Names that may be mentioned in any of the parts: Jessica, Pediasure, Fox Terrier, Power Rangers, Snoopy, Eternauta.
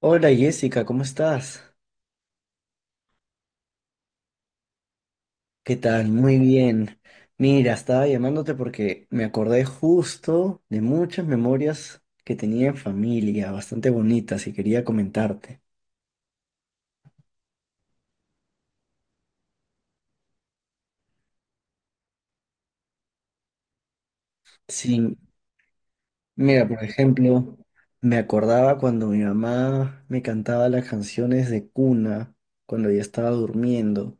Hola Jessica, ¿cómo estás? ¿Qué tal? Muy bien. Mira, estaba llamándote porque me acordé justo de muchas memorias que tenía en familia, bastante bonitas, y quería comentarte. Sí, mira, por ejemplo, me acordaba cuando mi mamá me cantaba las canciones de cuna, cuando ella estaba durmiendo.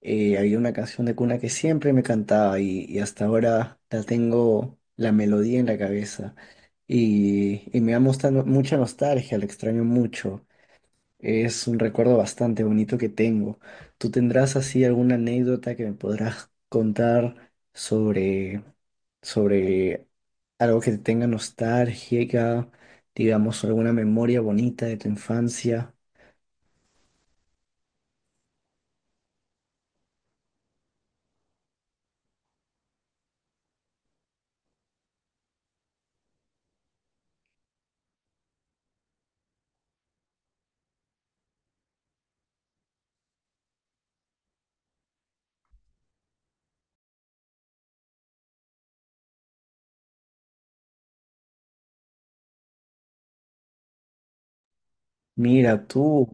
Había una canción de cuna que siempre me cantaba y hasta ahora la tengo la melodía en la cabeza. Y me da mucha nostalgia, la extraño mucho. Es un recuerdo bastante bonito que tengo. ¿Tú tendrás así alguna anécdota que me podrás contar sobre sobre algo que te tenga nostálgica, digamos, alguna memoria bonita de tu infancia? Mira, tú,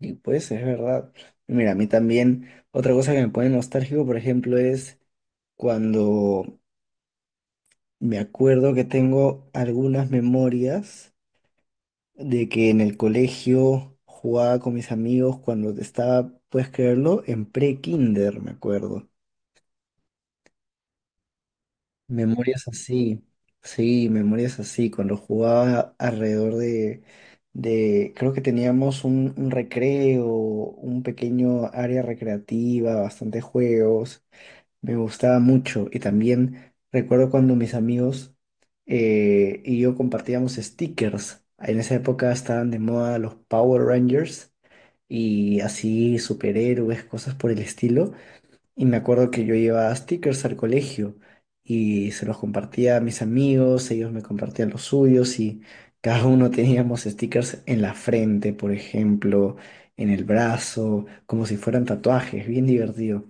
sí, pues es verdad. Mira, a mí también, otra cosa que me pone nostálgico, por ejemplo, es cuando me acuerdo que tengo algunas memorias de que en el colegio jugaba con mis amigos cuando estaba, puedes creerlo, en pre-kinder, me acuerdo. Memorias así, sí, memorias así, cuando jugaba alrededor de creo que teníamos un recreo, un pequeño área recreativa, bastantes juegos, me gustaba mucho y también recuerdo cuando mis amigos y yo compartíamos stickers. En esa época estaban de moda los Power Rangers y así superhéroes, cosas por el estilo. Y me acuerdo que yo llevaba stickers al colegio y se los compartía a mis amigos, ellos me compartían los suyos y cada uno teníamos stickers en la frente, por ejemplo, en el brazo, como si fueran tatuajes, bien divertido.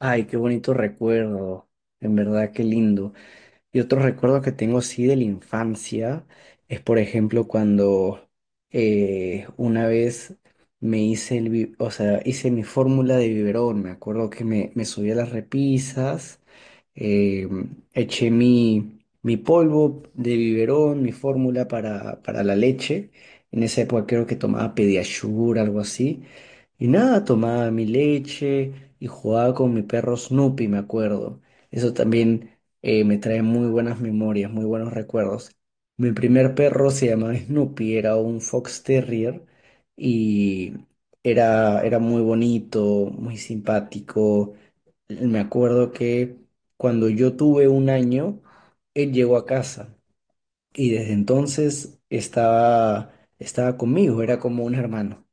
Ay, qué bonito recuerdo, en verdad, qué lindo. Y otro recuerdo que tengo sí de la infancia es, por ejemplo, cuando una vez me hice o sea, hice mi fórmula de biberón. Me acuerdo que me subí a las repisas, eh, eché mi polvo de biberón, mi fórmula para la leche. En esa época creo que tomaba Pediasure, algo así. Y nada, tomaba mi leche y jugaba con mi perro Snoopy, me acuerdo. Eso también me trae muy buenas memorias, muy buenos recuerdos. Mi primer perro se llamaba Snoopy, era un Fox Terrier y era, era muy bonito, muy simpático. Me acuerdo que cuando yo tuve 1 año, él llegó a casa y desde entonces estaba, estaba conmigo, era como un hermano.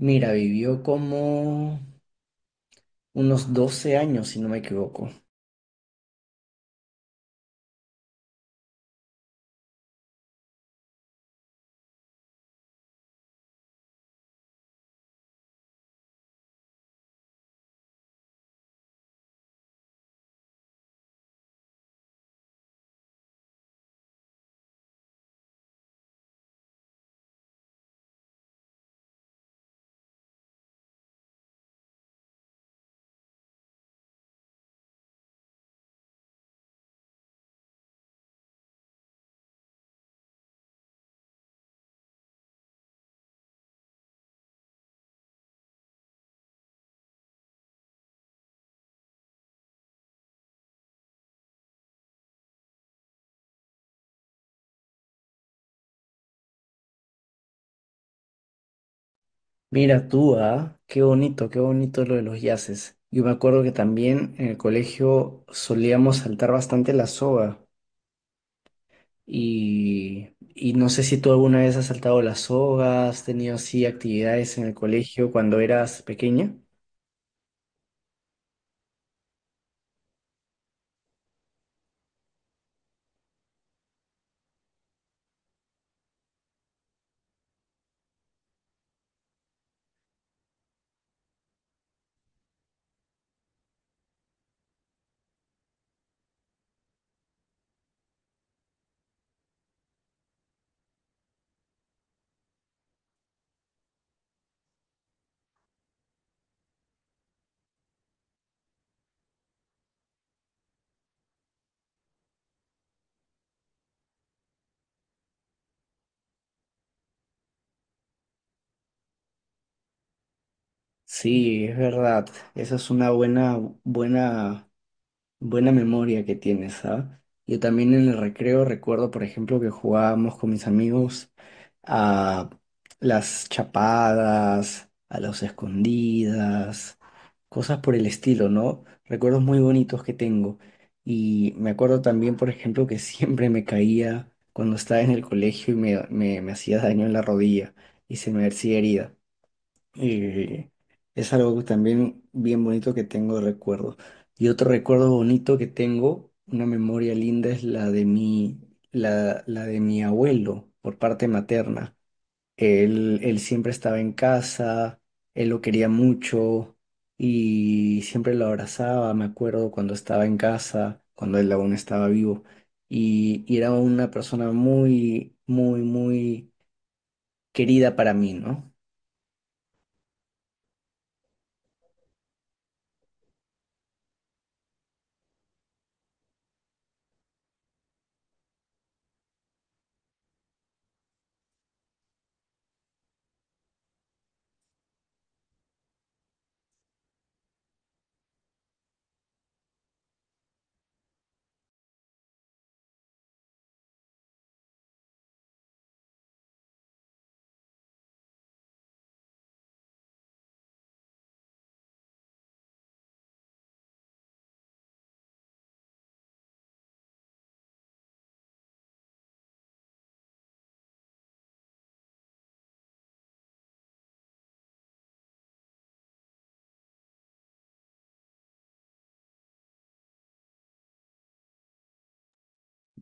Mira, vivió como unos 12 años, si no me equivoco. Mira tú, ah, qué bonito lo de los yaces. Yo me acuerdo que también en el colegio solíamos saltar bastante la soga. Y no sé si tú alguna vez has saltado las sogas, has tenido así actividades en el colegio cuando eras pequeña. Sí, es verdad. Esa es una buena, buena, buena memoria que tienes, ¿sabes? Yo también en el recreo recuerdo, por ejemplo, que jugábamos con mis amigos a las chapadas, a las escondidas, cosas por el estilo, ¿no? Recuerdos muy bonitos que tengo. Y me acuerdo también, por ejemplo, que siempre me caía cuando estaba en el colegio y me hacía daño en la rodilla y se me hacía herida. Y es algo también bien bonito que tengo de recuerdo. Y otro recuerdo bonito que tengo, una memoria linda, es la de la de mi abuelo por parte materna. Él siempre estaba en casa, él lo quería mucho y siempre lo abrazaba, me acuerdo cuando estaba en casa, cuando él aún estaba vivo. Y era una persona muy, muy, muy querida para mí, ¿no?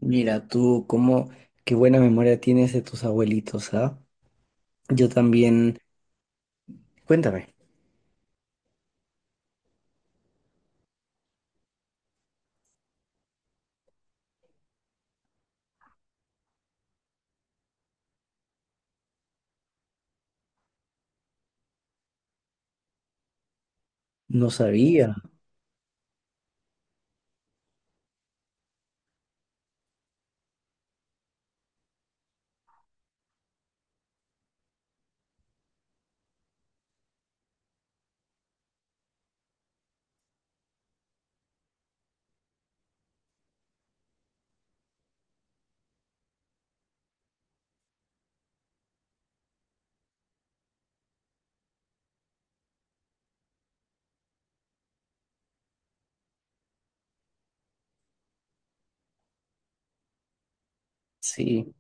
Mira, tú, cómo, qué buena memoria tienes de tus abuelitos, ¿ah? Yo también, cuéntame, no sabía. Sí,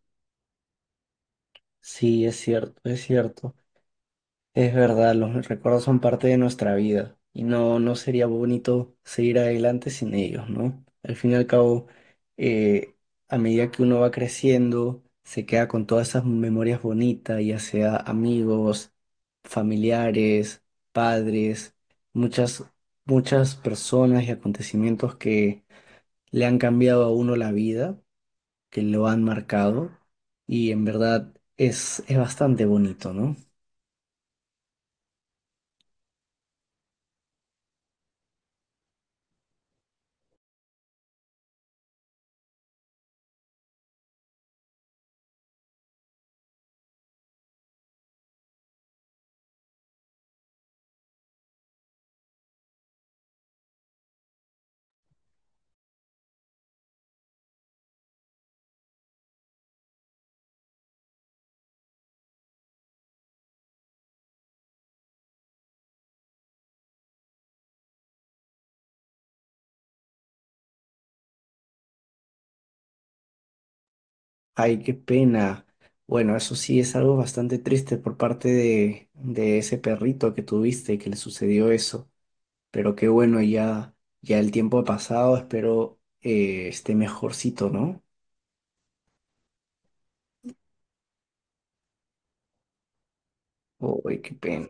sí, es cierto, es cierto. Es verdad, los recuerdos son parte de nuestra vida y no, no sería bonito seguir adelante sin ellos, ¿no? Al fin y al cabo, eh, a medida que uno va creciendo, se queda con todas esas memorias bonitas, ya sea amigos, familiares, padres, muchas, muchas personas y acontecimientos que le han cambiado a uno la vida, que lo han marcado y en verdad es bastante bonito, ¿no? Ay, qué pena. Bueno, eso sí es algo bastante triste por parte de ese perrito que tuviste y que le sucedió eso. Pero qué bueno, ya, ya el tiempo ha pasado, espero esté mejorcito, ¿no? Ay, qué pena.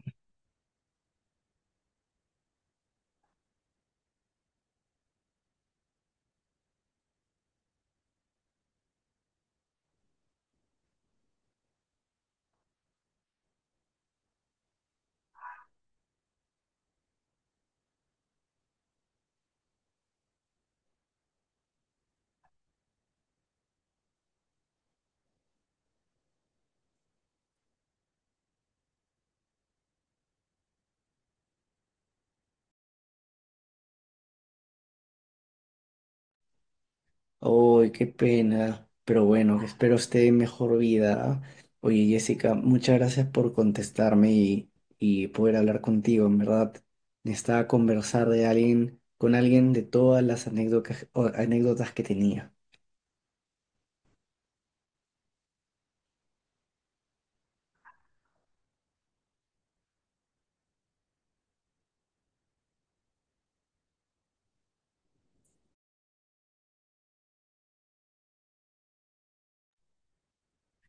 Ay, qué pena. Pero bueno, espero esté en mejor vida. Oye, Jessica, muchas gracias por contestarme y poder hablar contigo. En verdad, necesitaba conversar de alguien, con alguien de todas las anécdotas, anécdotas que tenía.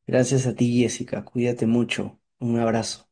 Gracias a ti, Jessica. Cuídate mucho. Un abrazo.